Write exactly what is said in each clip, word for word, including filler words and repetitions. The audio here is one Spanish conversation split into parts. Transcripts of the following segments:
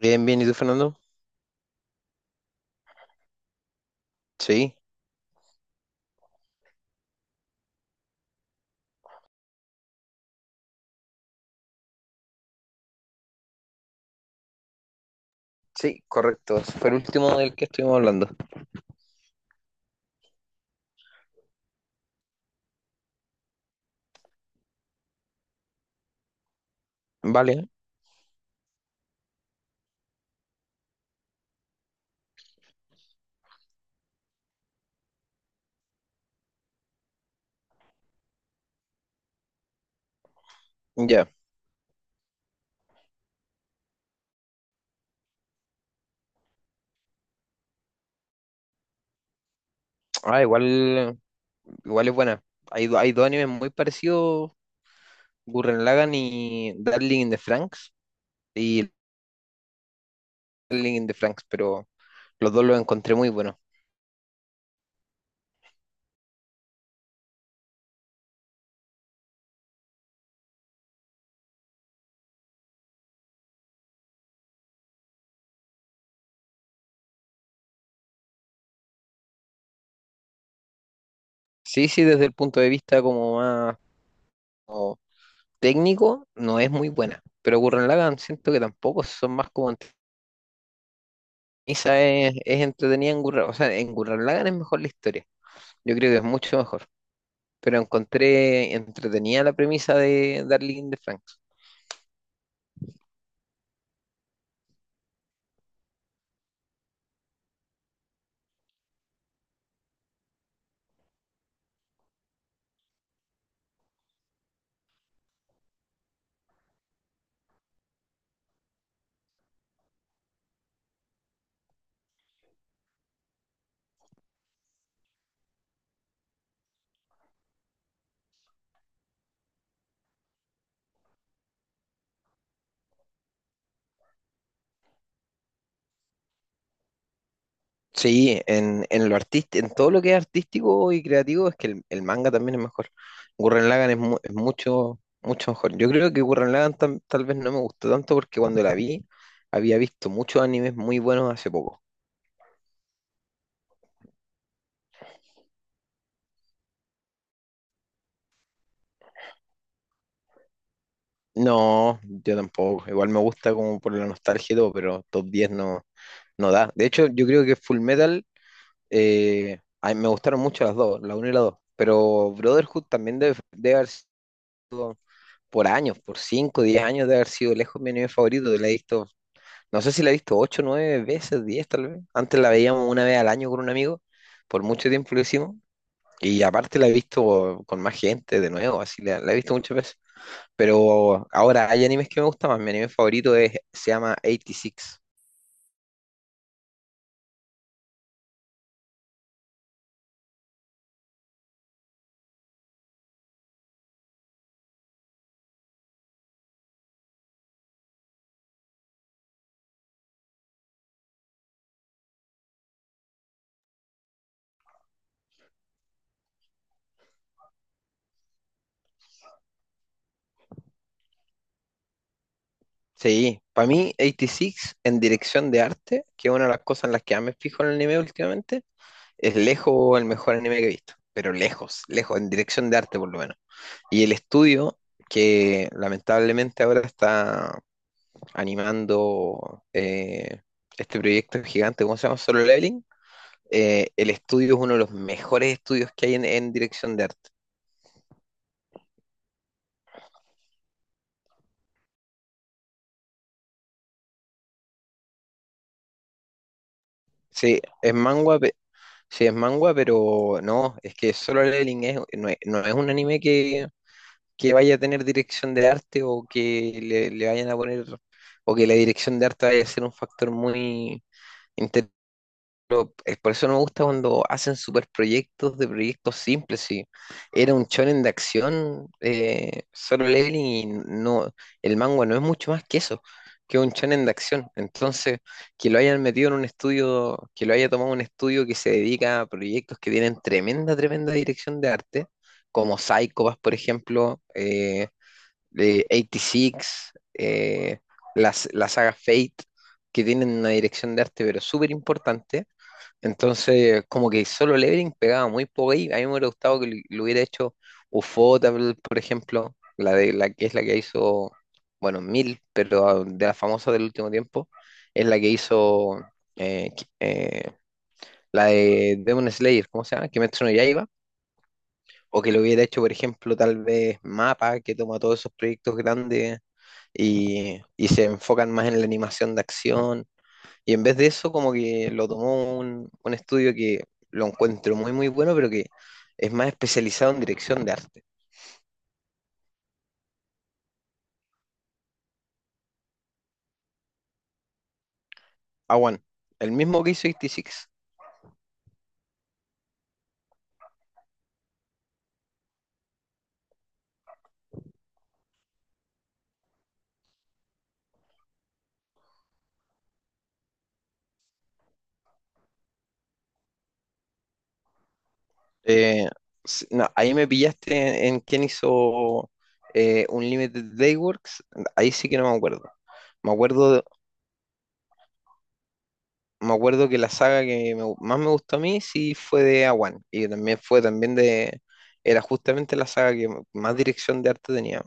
Bien, bien, ¿y tú, Fernando? Sí, sí, correcto. Ese fue el último del que estuvimos hablando. Vale, ya. Ah, igual, igual es buena. Hay, do- hay dos animes muy parecidos, Gurren Lagann y Darling in the Franxx, y Darling in the Franxx, pero los dos los encontré muy buenos. Sí, sí, desde el punto de vista como más como técnico, no es muy buena, pero Gurren Lagann siento que tampoco, son más como... entre- Esa es, es entretenida en Gurren, o sea, en Gurren Lagann es mejor la historia. Yo creo que es mucho mejor. Pero encontré entretenida la premisa de Darling de Franks. Sí, en, en lo artist- en todo lo que es artístico y creativo es que el, el manga también es mejor. Gurren Lagann es, mu- es mucho, mucho mejor. Yo creo que Gurren Lagann tam- tal vez no me gustó tanto porque cuando la vi había visto muchos animes muy buenos hace poco. No, yo tampoco. Igual me gusta como por la nostalgia y todo, pero top diez no, no da. De hecho, yo creo que Full Metal... Eh, a mí me gustaron mucho las dos, la uno y la dos. Pero Brotherhood también debe, debe haber sido por años, por cinco diez años, debe haber sido lejos mi anime favorito. La he visto, no sé si la he visto ocho nueve veces, diez tal vez. Antes la veíamos una vez al año con un amigo, por mucho tiempo lo hicimos. Y aparte la he visto con más gente de nuevo, así la, la he visto muchas veces. Pero ahora hay animes que me gustan más. Mi anime favorito es, se llama ochenta y seis. Sí, para mí ochenta y seis en dirección de arte, que es una de las cosas en las que más me fijo en el anime últimamente, es lejos el mejor anime que he visto, pero lejos, lejos, en dirección de arte por lo menos. Y el estudio, que lamentablemente ahora está animando eh, este proyecto gigante, ¿cómo se llama? Solo Leveling, eh, el estudio es uno de los mejores estudios que hay en, en dirección de arte. Sí, es manga, pe- sí, es manga, pero no, es que Solo Leveling es, no es, no es un anime que que vaya a tener dirección de arte o que le, le vayan a poner, o que la dirección de arte vaya a ser un factor muy... inter- eh, Por eso no me gusta cuando hacen super proyectos de proyectos simples. Si era un shonen de acción, eh, solo leveling y no, el manga no es mucho más que eso, que un shonen de acción. Entonces, que lo hayan metido en un estudio, que lo haya tomado un estudio que se dedica a proyectos que tienen tremenda, tremenda dirección de arte, como Psycho Pass, por ejemplo, eh, eh, ochenta y seis, eh, las, la saga Fate, que tienen una dirección de arte pero súper importante. Entonces, como que solo Levering pegaba muy poco ahí. A mí me hubiera gustado que lo lo hubiera hecho Ufotable, por ejemplo, la de la que es la que hizo, bueno, Mil, pero ah, de las famosas del último tiempo, es la que hizo eh, qui- eh, la de Demon Slayer, ¿cómo se llama? Kimetsu no Yaiba. O que lo hubiera hecho, por ejemplo, tal vez Mapa, que toma todos esos proyectos grandes y, y se enfocan más en la animación de acción. Y en vez de eso, como que lo tomó un, un estudio que lo encuentro muy, muy bueno, pero que es más especializado en dirección de arte. Awan, el mismo que hizo ochenta y seis. Eh, s- no, ahí me pillaste en, en quién hizo eh, Unlimited Dayworks. Ahí sí que no me acuerdo. Me acuerdo Me acuerdo que la saga que me más me gustó a mí sí fue de A uno y también fue también de, era justamente la saga que más dirección de arte tenía.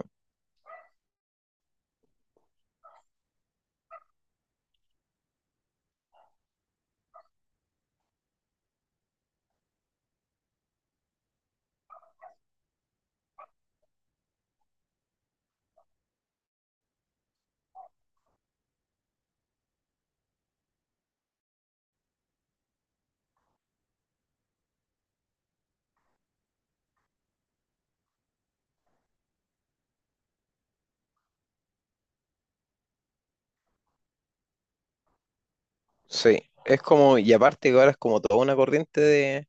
Sí, es como, y aparte que ahora es como toda una corriente de,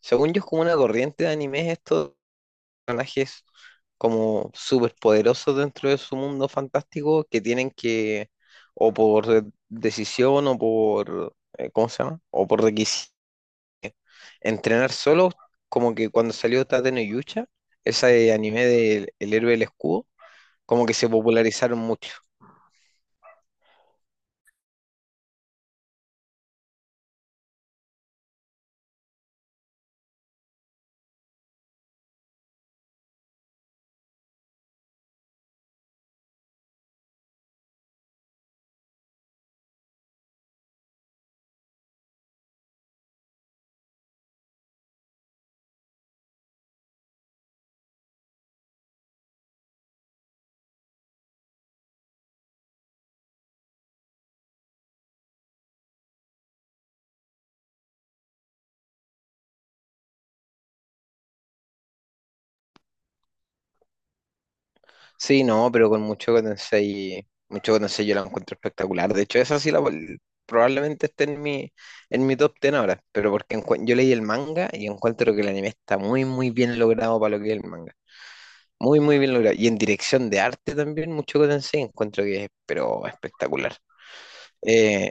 según yo es como una corriente de animes estos personajes como súper poderosos dentro de su mundo fantástico que tienen que, o por decisión o por, eh, ¿cómo se llama? O por requisito entrenar solo, como que cuando salió Tate no Yucha, ese anime de El héroe del escudo, como que se popularizaron mucho. Sí, no, pero con mucho Tensei, mucho Tensei yo la encuentro espectacular. De hecho, esa sí la vol- probablemente esté en mi, en mi top diez ahora, pero porque encue- yo leí el manga y encuentro que el anime está muy, muy bien logrado para lo que es el manga. Muy, muy bien logrado. Y en dirección de arte también, mucho Tensei encuentro que es, pero espectacular. Eh,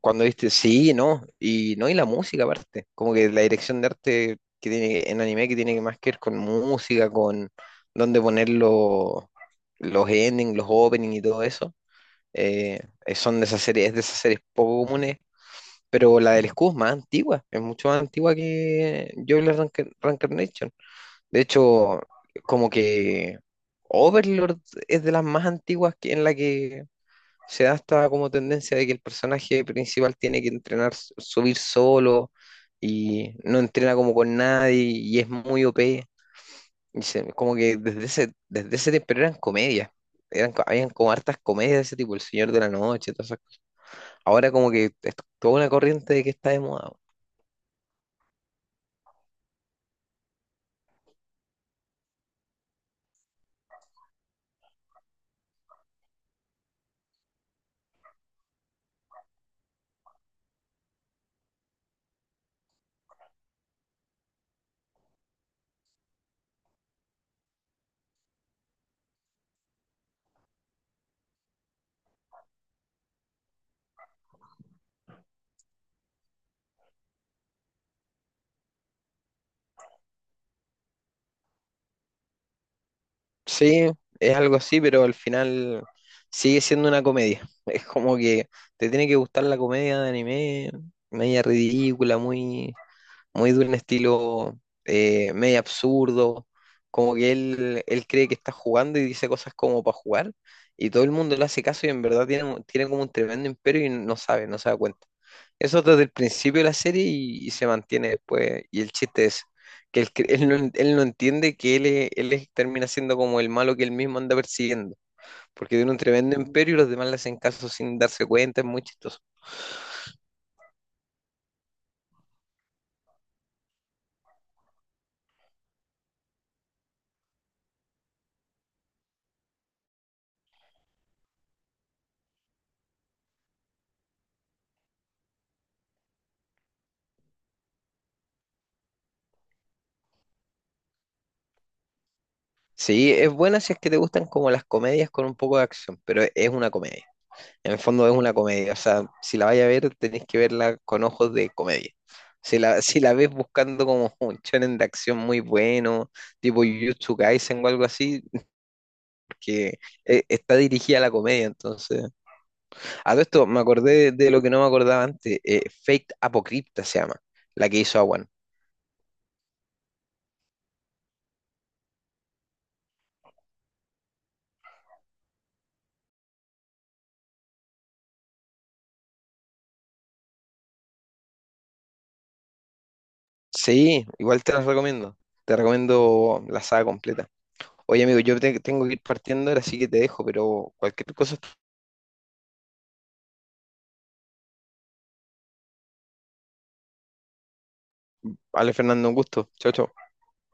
Cuando viste, sí, no, y no, y la música aparte, como que la dirección de arte que tiene en anime que tiene que más que ver con música, con dónde poner los, los endings, los openings y todo eso, eh, eh, son de esas series, es de esas series poco comunes, pero la del Scoob es más antigua, es mucho más antigua que Jobless Ranca- Reincarnation. De hecho, como que Overlord es de las más antiguas que, en la que se da esta como tendencia de que el personaje principal tiene que entrenar, s- subir solo y no entrena como con nadie y es muy O P. Y se- como que desde ese, desde ese tiempo pero eran comedias. Eran, co- habían como hartas comedias de ese tipo, El Señor de la Noche, todas esas cosas. Ahora como que es toda una corriente de que está de moda. Sí, es algo así, pero al final sigue siendo una comedia. Es como que te tiene que gustar la comedia de anime, media ridícula, muy muy de un estilo eh, medio absurdo, como que él, él cree que está jugando y dice cosas como para jugar, y todo el mundo le hace caso y en verdad tiene, un- tiene como un tremendo imperio y no sabe, no se da cuenta. Eso desde el principio de la serie y, y se mantiene después, y el chiste es que él, cre- él no, en- él no entiende que él, es- él es- termina siendo como el malo que él mismo anda persiguiendo, porque tiene un tremendo imperio y los demás le hacen caso sin darse cuenta, es muy chistoso. Sí, es buena si es que te gustan como las comedias con un poco de acción, pero es una comedia. En el fondo es una comedia, o sea, si la vais a ver, tenéis que verla con ojos de comedia. Si la, si la ves buscando como un shonen de acción muy bueno, tipo Jujutsu Kaisen o algo así, que eh, está dirigida a la comedia, entonces. A todo esto me acordé de, de lo que no me acordaba antes, eh, Fate Apocrypta se llama, la que hizo Awan. Sí, igual te las recomiendo, te recomiendo la saga completa. Oye amigo, yo te- tengo que ir partiendo ahora, así que te dejo, pero cualquier cosa, vale Fernando, un gusto. Chao, chao.